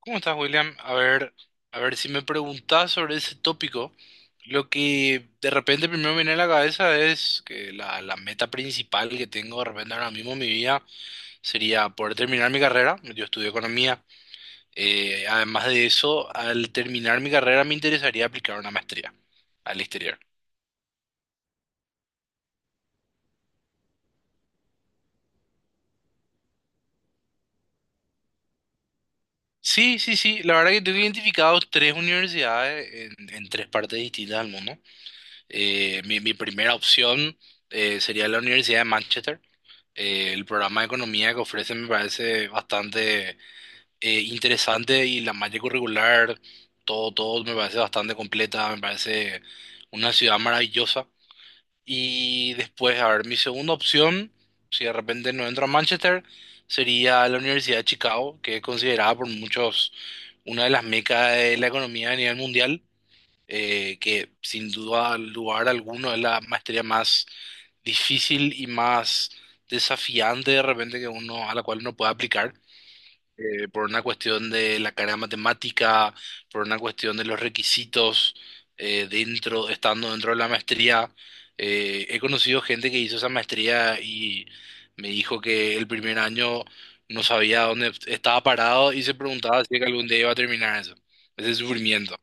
¿Cómo estás, William? A ver, si me preguntás sobre ese tópico, lo que de repente primero viene a la cabeza es que la meta principal que tengo de repente ahora mismo en mi vida sería poder terminar mi carrera. Yo estudio economía. Además de eso, al terminar mi carrera me interesaría aplicar una maestría al exterior. Sí, sí, sí. La verdad que tengo identificados tres universidades en tres partes distintas del mundo. Mi primera opción sería la Universidad de Manchester. El programa de economía que ofrece me parece bastante interesante y la malla curricular, todo me parece bastante completa, me parece una ciudad maravillosa. Y después, a ver, mi segunda opción, si de repente no entro a Manchester, sería la Universidad de Chicago, que es considerada por muchos una de las mecas de la economía a nivel mundial, que sin duda lugar alguno es la maestría más difícil y más desafiante de repente que uno a la cual uno puede aplicar, por una cuestión de la carga matemática, por una cuestión de los requisitos estando dentro de la maestría. He conocido gente que hizo esa maestría y me dijo que el primer año no sabía dónde estaba parado y se preguntaba si es que algún día iba a terminar eso, ese sufrimiento.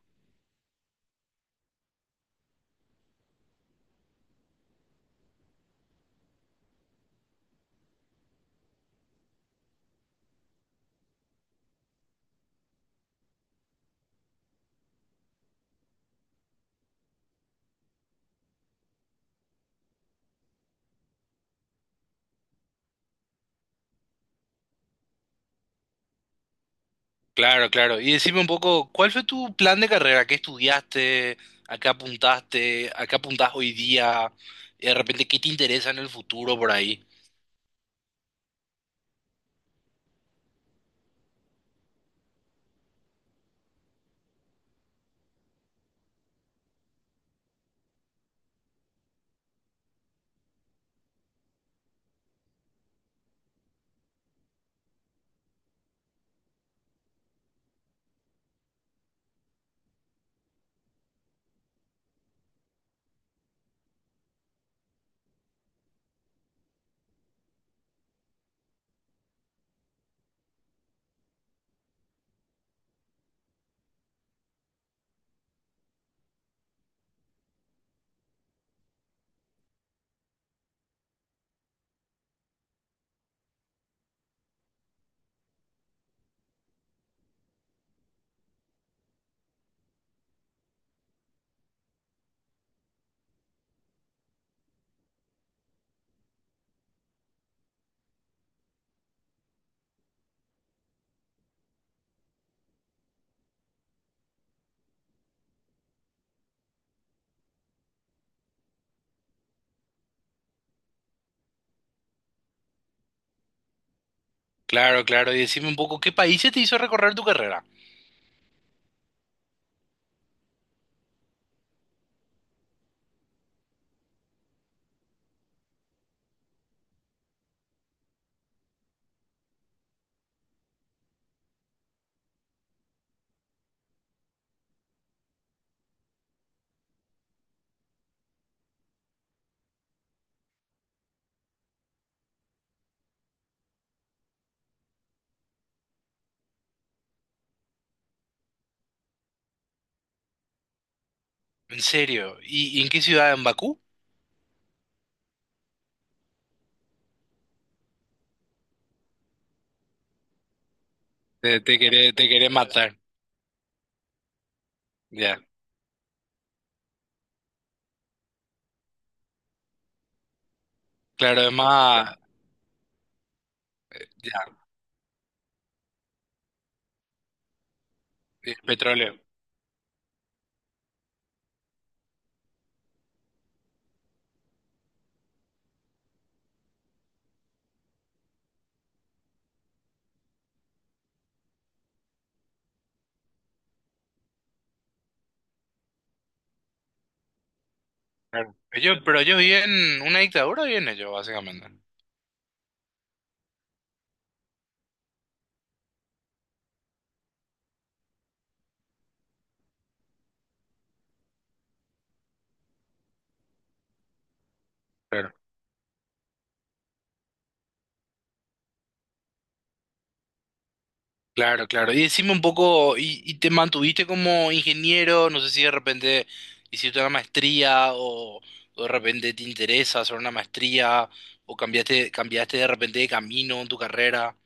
Claro, claro. Y decime un poco, ¿cuál fue tu plan de carrera? ¿Qué estudiaste? ¿A qué apuntaste? ¿A qué apuntás hoy día? Y de repente, ¿qué te interesa en el futuro por ahí? Claro, claro. Y decime un poco, ¿qué países te hizo recorrer tu carrera? ¿En serio? Y en qué ciudad? ¿En Bakú? Te queré matar. Ya. Claro, además ya, el petróleo. Claro. Ellos, pero ellos viven una dictadura, viven ellos, básicamente. Claro, claro. Y decime un poco, y te mantuviste como ingeniero? No sé si de repente hiciste una maestría o de repente te interesa hacer una maestría o cambiaste de repente de camino en tu carrera.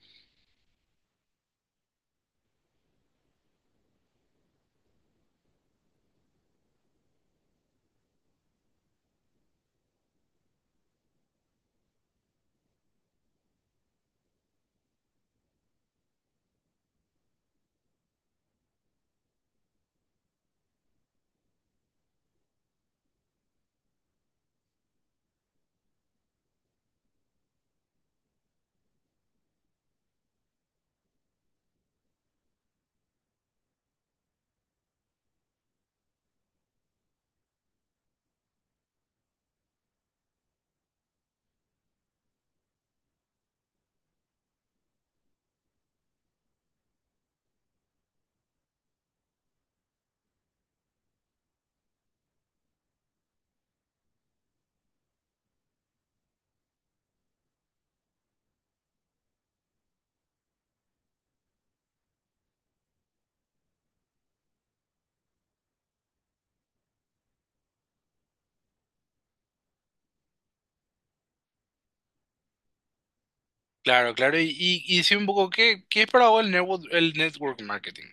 Claro, claro. Y, y decime un poco, ¿qué, qué es para vos el el network marketing?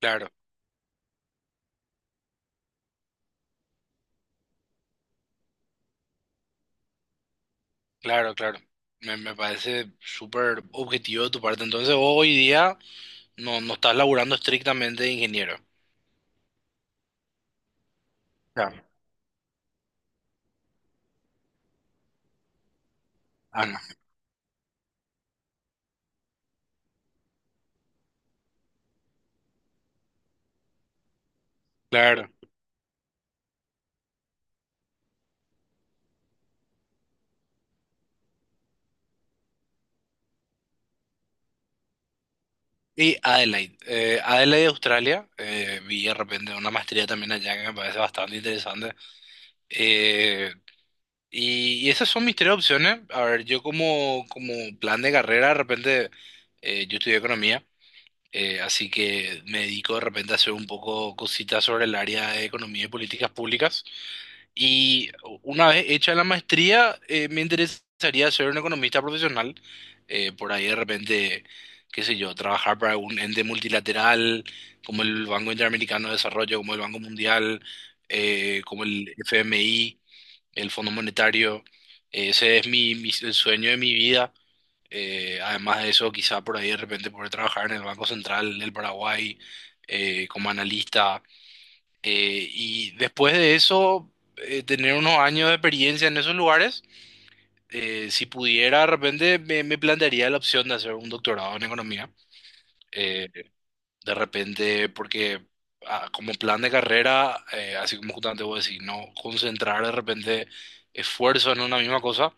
Claro, claro, claro. Me parece súper objetivo de tu parte. Entonces, vos hoy día no estás laburando estrictamente de ingeniero. Claro. Ah, no. Claro. Y Adelaide, Adelaide, Australia, vi de repente una maestría también allá que me parece bastante interesante. Eh, y esas son mis tres opciones. A ver, yo como, como plan de carrera, de repente, yo estudié economía, así que me dedico de repente a hacer un poco cositas sobre el área de economía y políticas públicas. Y una vez hecha la maestría, me interesaría ser un economista profesional. Por ahí de repente, qué sé yo, trabajar para un ente multilateral como el Banco Interamericano de Desarrollo, como el Banco Mundial, como el FMI, el Fondo Monetario. Ese es el sueño de mi vida. Además de eso, quizá por ahí de repente poder trabajar en el Banco Central del Paraguay como analista y después de eso, tener unos años de experiencia en esos lugares, si pudiera, de repente me plantearía la opción de hacer un doctorado en economía. Eh, de repente, porque ah, como plan de carrera, así como justamente vos decís, no concentrar de repente esfuerzo en una misma cosa,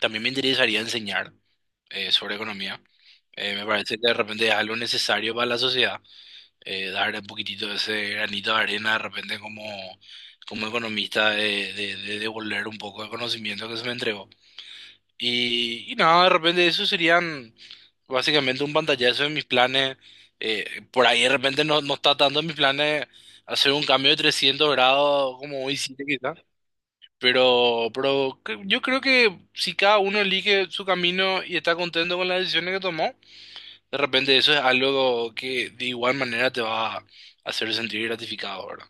también me interesaría enseñar sobre economía. Me parece que de repente es algo necesario para la sociedad, darle un poquitito de ese granito de arena de repente como, como economista de devolver un poco de conocimiento que se me entregó. Y nada, de repente eso serían básicamente un pantallazo de mis planes. Por ahí de repente no, no está tanto en mis planes hacer un cambio de 300 grados como hoy sí quizás. Pero, yo creo que si cada uno elige su camino y está contento con las decisiones que tomó, de repente eso es algo que de igual manera te va a hacer sentir gratificado, ¿verdad?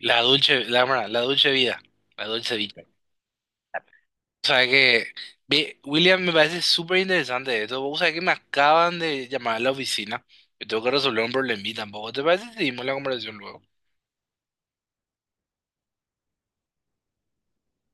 La dulce vida, la dulce vida. O sea que, ve, William, me parece súper interesante esto. O sea que me acaban de llamar a la oficina. Yo tengo que resolver un problemita tampoco. ¿Te parece si seguimos la conversación luego?